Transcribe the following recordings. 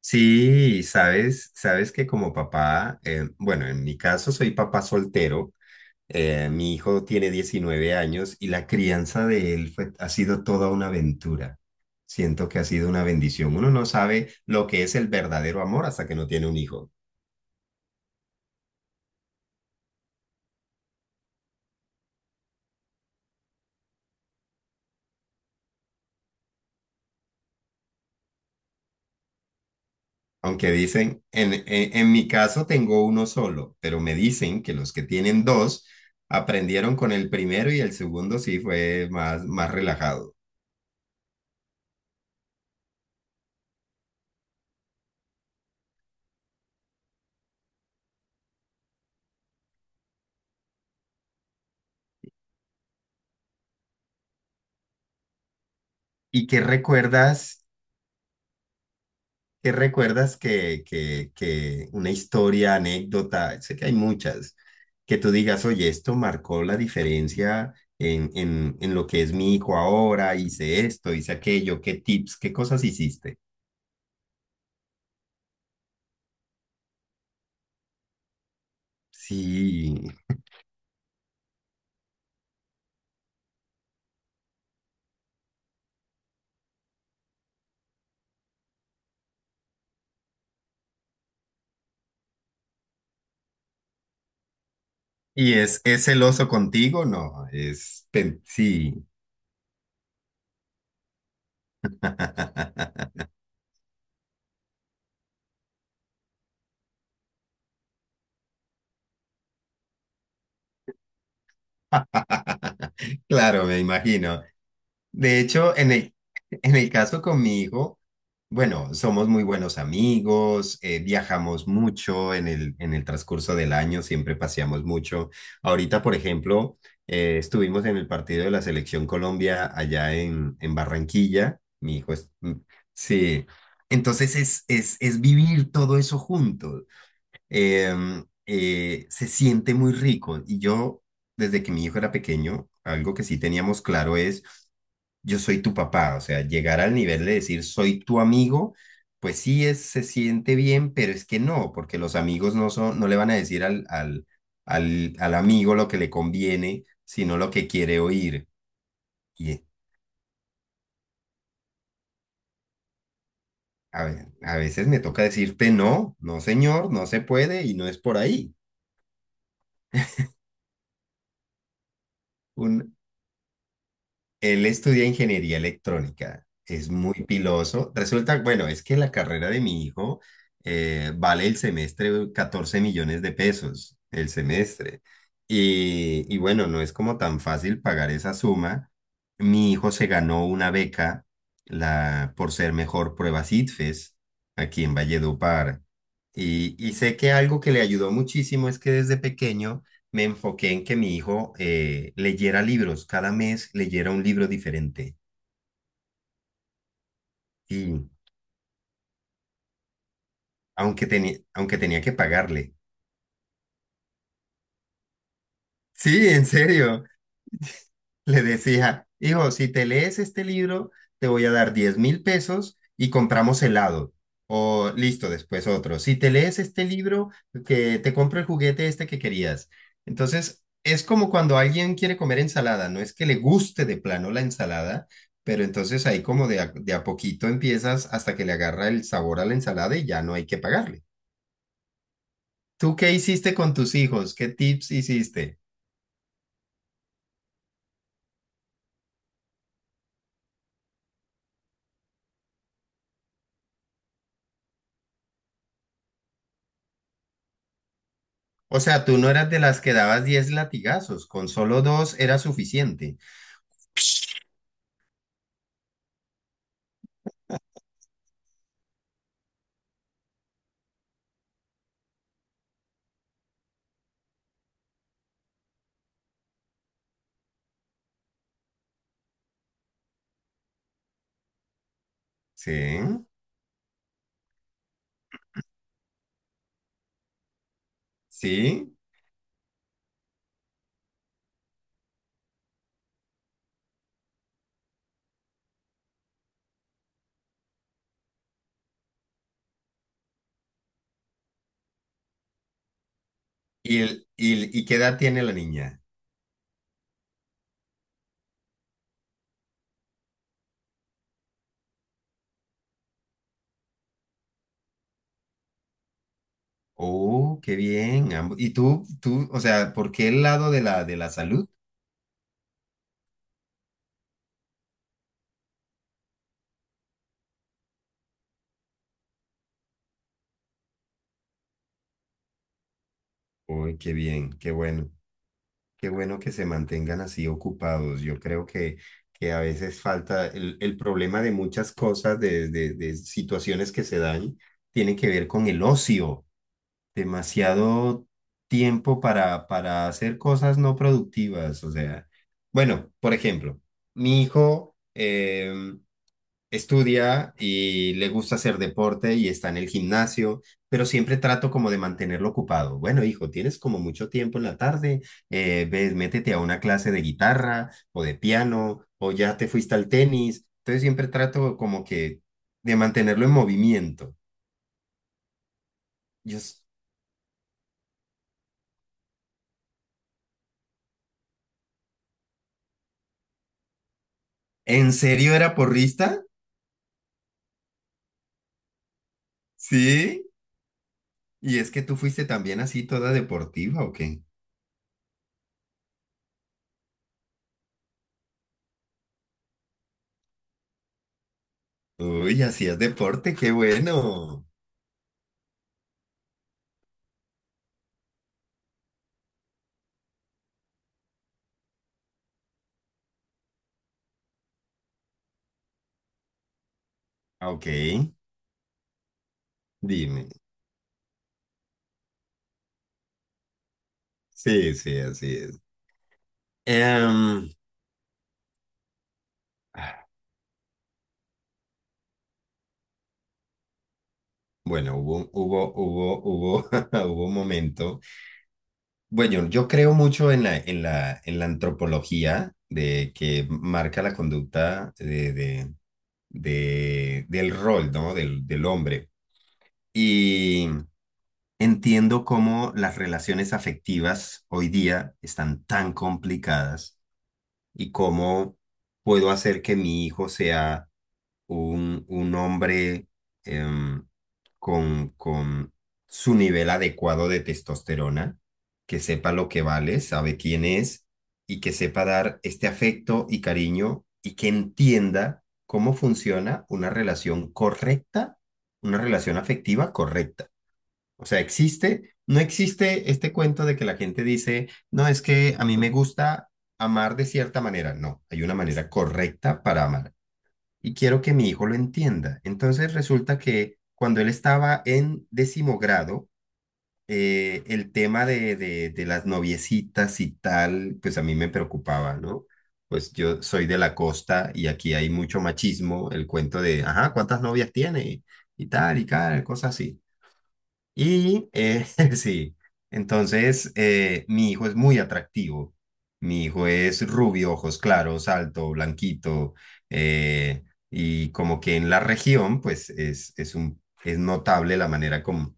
Sí, sabes, bueno, en mi caso soy papá soltero. Mi hijo tiene 19 años y la crianza de él ha sido toda una aventura. Siento que ha sido una bendición. Uno no sabe lo que es el verdadero amor hasta que no tiene un hijo. Aunque dicen, en mi caso tengo uno solo, pero me dicen que los que tienen dos aprendieron con el primero y el segundo sí fue más relajado. ¿Y qué recuerdas? ¿Qué recuerdas que una historia, anécdota? Sé que hay muchas, que tú digas: oye, esto marcó la diferencia en lo que es mi hijo ahora. Hice esto, hice aquello, ¿qué tips, qué cosas hiciste? Sí. ¿Y es celoso contigo? No, sí. Claro, me imagino. De hecho, en el caso conmigo, bueno, somos muy buenos amigos, viajamos mucho en en el transcurso del año, siempre paseamos mucho. Ahorita, por ejemplo, estuvimos en el partido de la Selección Colombia allá en Barranquilla. Mi hijo es... mm, Sí, entonces es, es vivir todo eso juntos. Se siente muy rico. Y yo, desde que mi hijo era pequeño, algo que sí teníamos claro es: yo soy tu papá. O sea, llegar al nivel de decir soy tu amigo, pues sí, se siente bien, pero es que no, porque los amigos no son, no le van a decir al amigo lo que le conviene, sino lo que quiere oír. Y a veces me toca decirte no, no señor, no se puede y no es por ahí. Un, Él estudia ingeniería electrónica, es muy piloso. Resulta, bueno, es que la carrera de mi hijo vale el semestre 14 millones de pesos, el semestre. Y bueno, no es como tan fácil pagar esa suma. Mi hijo se ganó una beca por ser mejor prueba CITFES aquí en Valledupar. Y sé que algo que le ayudó muchísimo es que desde pequeño me enfoqué en que mi hijo leyera libros, cada mes leyera un libro diferente. Y aunque tenía que pagarle. Sí, en serio. Le decía: hijo, si te lees este libro, te voy a dar 10.000 pesos y compramos helado. O listo, después otro. Si te lees este libro, que te compro el juguete este que querías. Entonces, es como cuando alguien quiere comer ensalada, no es que le guste de plano la ensalada, pero entonces ahí como de a poquito empiezas hasta que le agarra el sabor a la ensalada y ya no hay que pagarle. ¿Tú qué hiciste con tus hijos? ¿Qué tips hiciste? O sea, ¿tú no eras de las que dabas 10 latigazos, con solo dos era suficiente? Sí, sí. ¿ Y, ¿y qué edad tiene la niña? Oh, qué bien. ¿Y tú, o sea, por qué el lado de de la salud? Uy, qué bien, qué bueno. Qué bueno que se mantengan así ocupados. Yo creo que a veces falta el problema de muchas cosas, de situaciones que se dan, tiene que ver con el ocio. Demasiado tiempo para hacer cosas no productivas. O sea, bueno, por ejemplo, mi hijo estudia y le gusta hacer deporte y está en el gimnasio, pero siempre trato como de mantenerlo ocupado. Bueno, hijo, tienes como mucho tiempo en la tarde, ves, métete a una clase de guitarra o de piano o ya te fuiste al tenis. Entonces siempre trato como que de mantenerlo en movimiento. Yo, s- ¿En serio era porrista? Sí, y es que tú fuiste también así toda deportiva, ¿o qué? Uy, hacías deporte, qué bueno. Ah, ok, dime. Sí, sí, así es. Em, ah, bueno, hubo un momento. Bueno, yo creo mucho en en la antropología de que marca la conducta del rol, ¿no? Del hombre. Y entiendo cómo las relaciones afectivas hoy día están tan complicadas y cómo puedo hacer que mi hijo sea un hombre em, con su nivel adecuado de testosterona, que sepa lo que vale, sabe quién es y que sepa dar este afecto y cariño y que entienda cómo funciona una relación correcta, una relación afectiva correcta. O sea, no existe este cuento de que la gente dice: no, es que a mí me gusta amar de cierta manera. No, hay una manera correcta para amar y quiero que mi hijo lo entienda. Entonces resulta que cuando él estaba en décimo grado, el tema de las noviecitas y tal, pues a mí me preocupaba, ¿no? Pues yo soy de la costa y aquí hay mucho machismo, el cuento de ajá, ¿cuántas novias tiene? Y tal, cosas así. Y sí, entonces mi hijo es muy atractivo. Mi hijo es rubio, ojos claros, alto, blanquito. eh, y como que en la región, pues es un, es notable la manera como...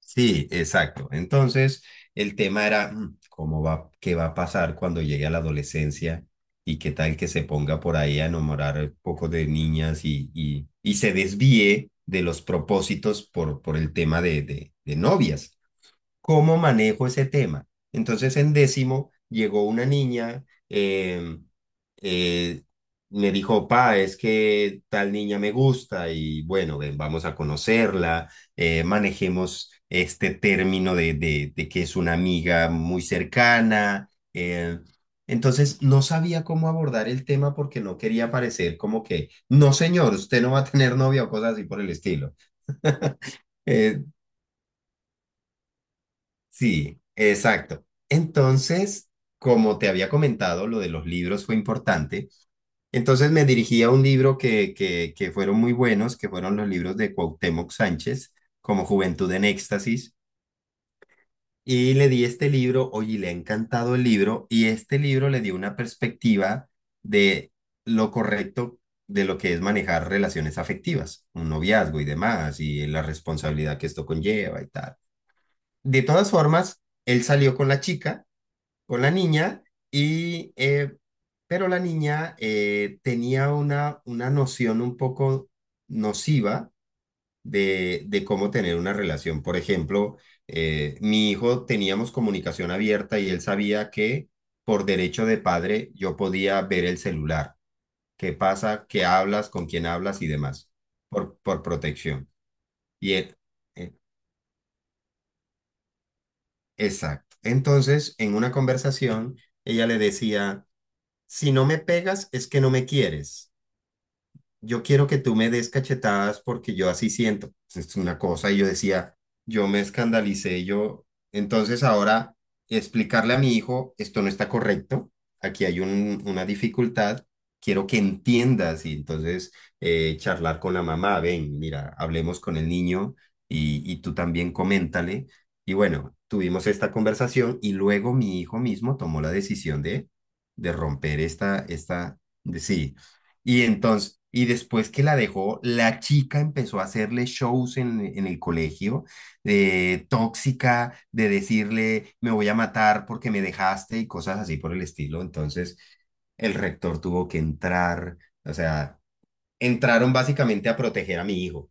Sí, exacto. Entonces, el tema era: cómo va, qué va a pasar cuando llegue a la adolescencia y qué tal que se ponga por ahí a enamorar un poco de niñas y y se desvíe de los propósitos por el tema de novias. ¿Cómo manejo ese tema? Entonces, en décimo llegó una niña. Eh, Me dijo: pa, es que tal niña me gusta. Y bueno, ven, vamos a conocerla. Manejemos este término de que es una amiga muy cercana. Entonces, no sabía cómo abordar el tema porque no quería parecer como que no, señor, usted no va a tener novia o cosas así por el estilo. Eh, Sí, exacto. Entonces, como te había comentado, lo de los libros fue importante. Entonces me dirigí a un libro que fueron muy buenos, que fueron los libros de Cuauhtémoc Sánchez, como Juventud en Éxtasis. Y le di este libro, oye, le ha encantado el libro, y este libro le dio una perspectiva de lo correcto, de lo que es manejar relaciones afectivas, un noviazgo y demás, y la responsabilidad que esto conlleva y tal. De todas formas, él salió con la chica, con la niña, y pero la niña tenía una noción un poco nociva de cómo tener una relación. Por ejemplo, mi hijo, teníamos comunicación abierta y él sabía que por derecho de padre yo podía ver el celular, qué pasa, qué hablas, con quién hablas y demás, por protección. Y él, eh, exacto. Entonces, en una conversación, ella le decía: si no me pegas, es que no me quieres, yo quiero que tú me des cachetadas porque yo así siento, pues. Es una cosa, y yo decía, yo me escandalicé. Yo, entonces ahora explicarle a mi hijo, esto no está correcto, una dificultad, quiero que entiendas. Y entonces charlar con la mamá: ven, mira, hablemos con el niño y tú también coméntale. Y bueno, tuvimos esta conversación y luego mi hijo mismo tomó la decisión de romper esta, sí. Y entonces, y después que la dejó, la chica empezó a hacerle shows en el colegio, de tóxica, de decirle: me voy a matar porque me dejaste y cosas así por el estilo. Entonces, el rector tuvo que entrar, o sea, entraron básicamente a proteger a mi hijo.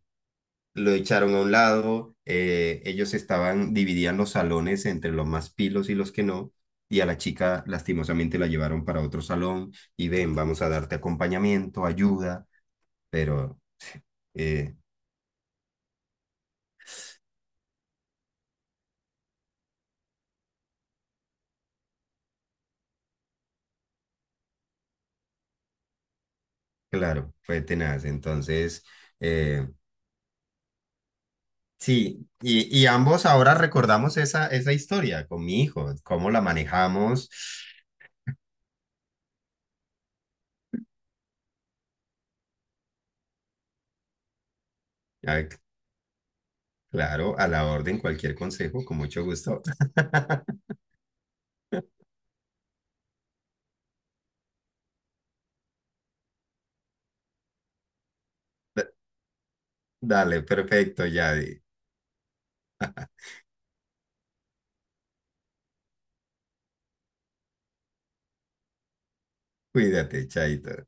Lo echaron a un lado, ellos estaban, dividían los salones entre los más pilos y los que no, y a la chica lastimosamente la llevaron para otro salón y ven, vamos a darte acompañamiento, ayuda, pero eh, claro, fue tenaz. Entonces, eh, sí, y ambos ahora recordamos esa historia con mi hijo, cómo la manejamos. Ay, claro, a la orden, cualquier consejo, con mucho gusto. Dale, perfecto, Yadi. Cuídate, chaito.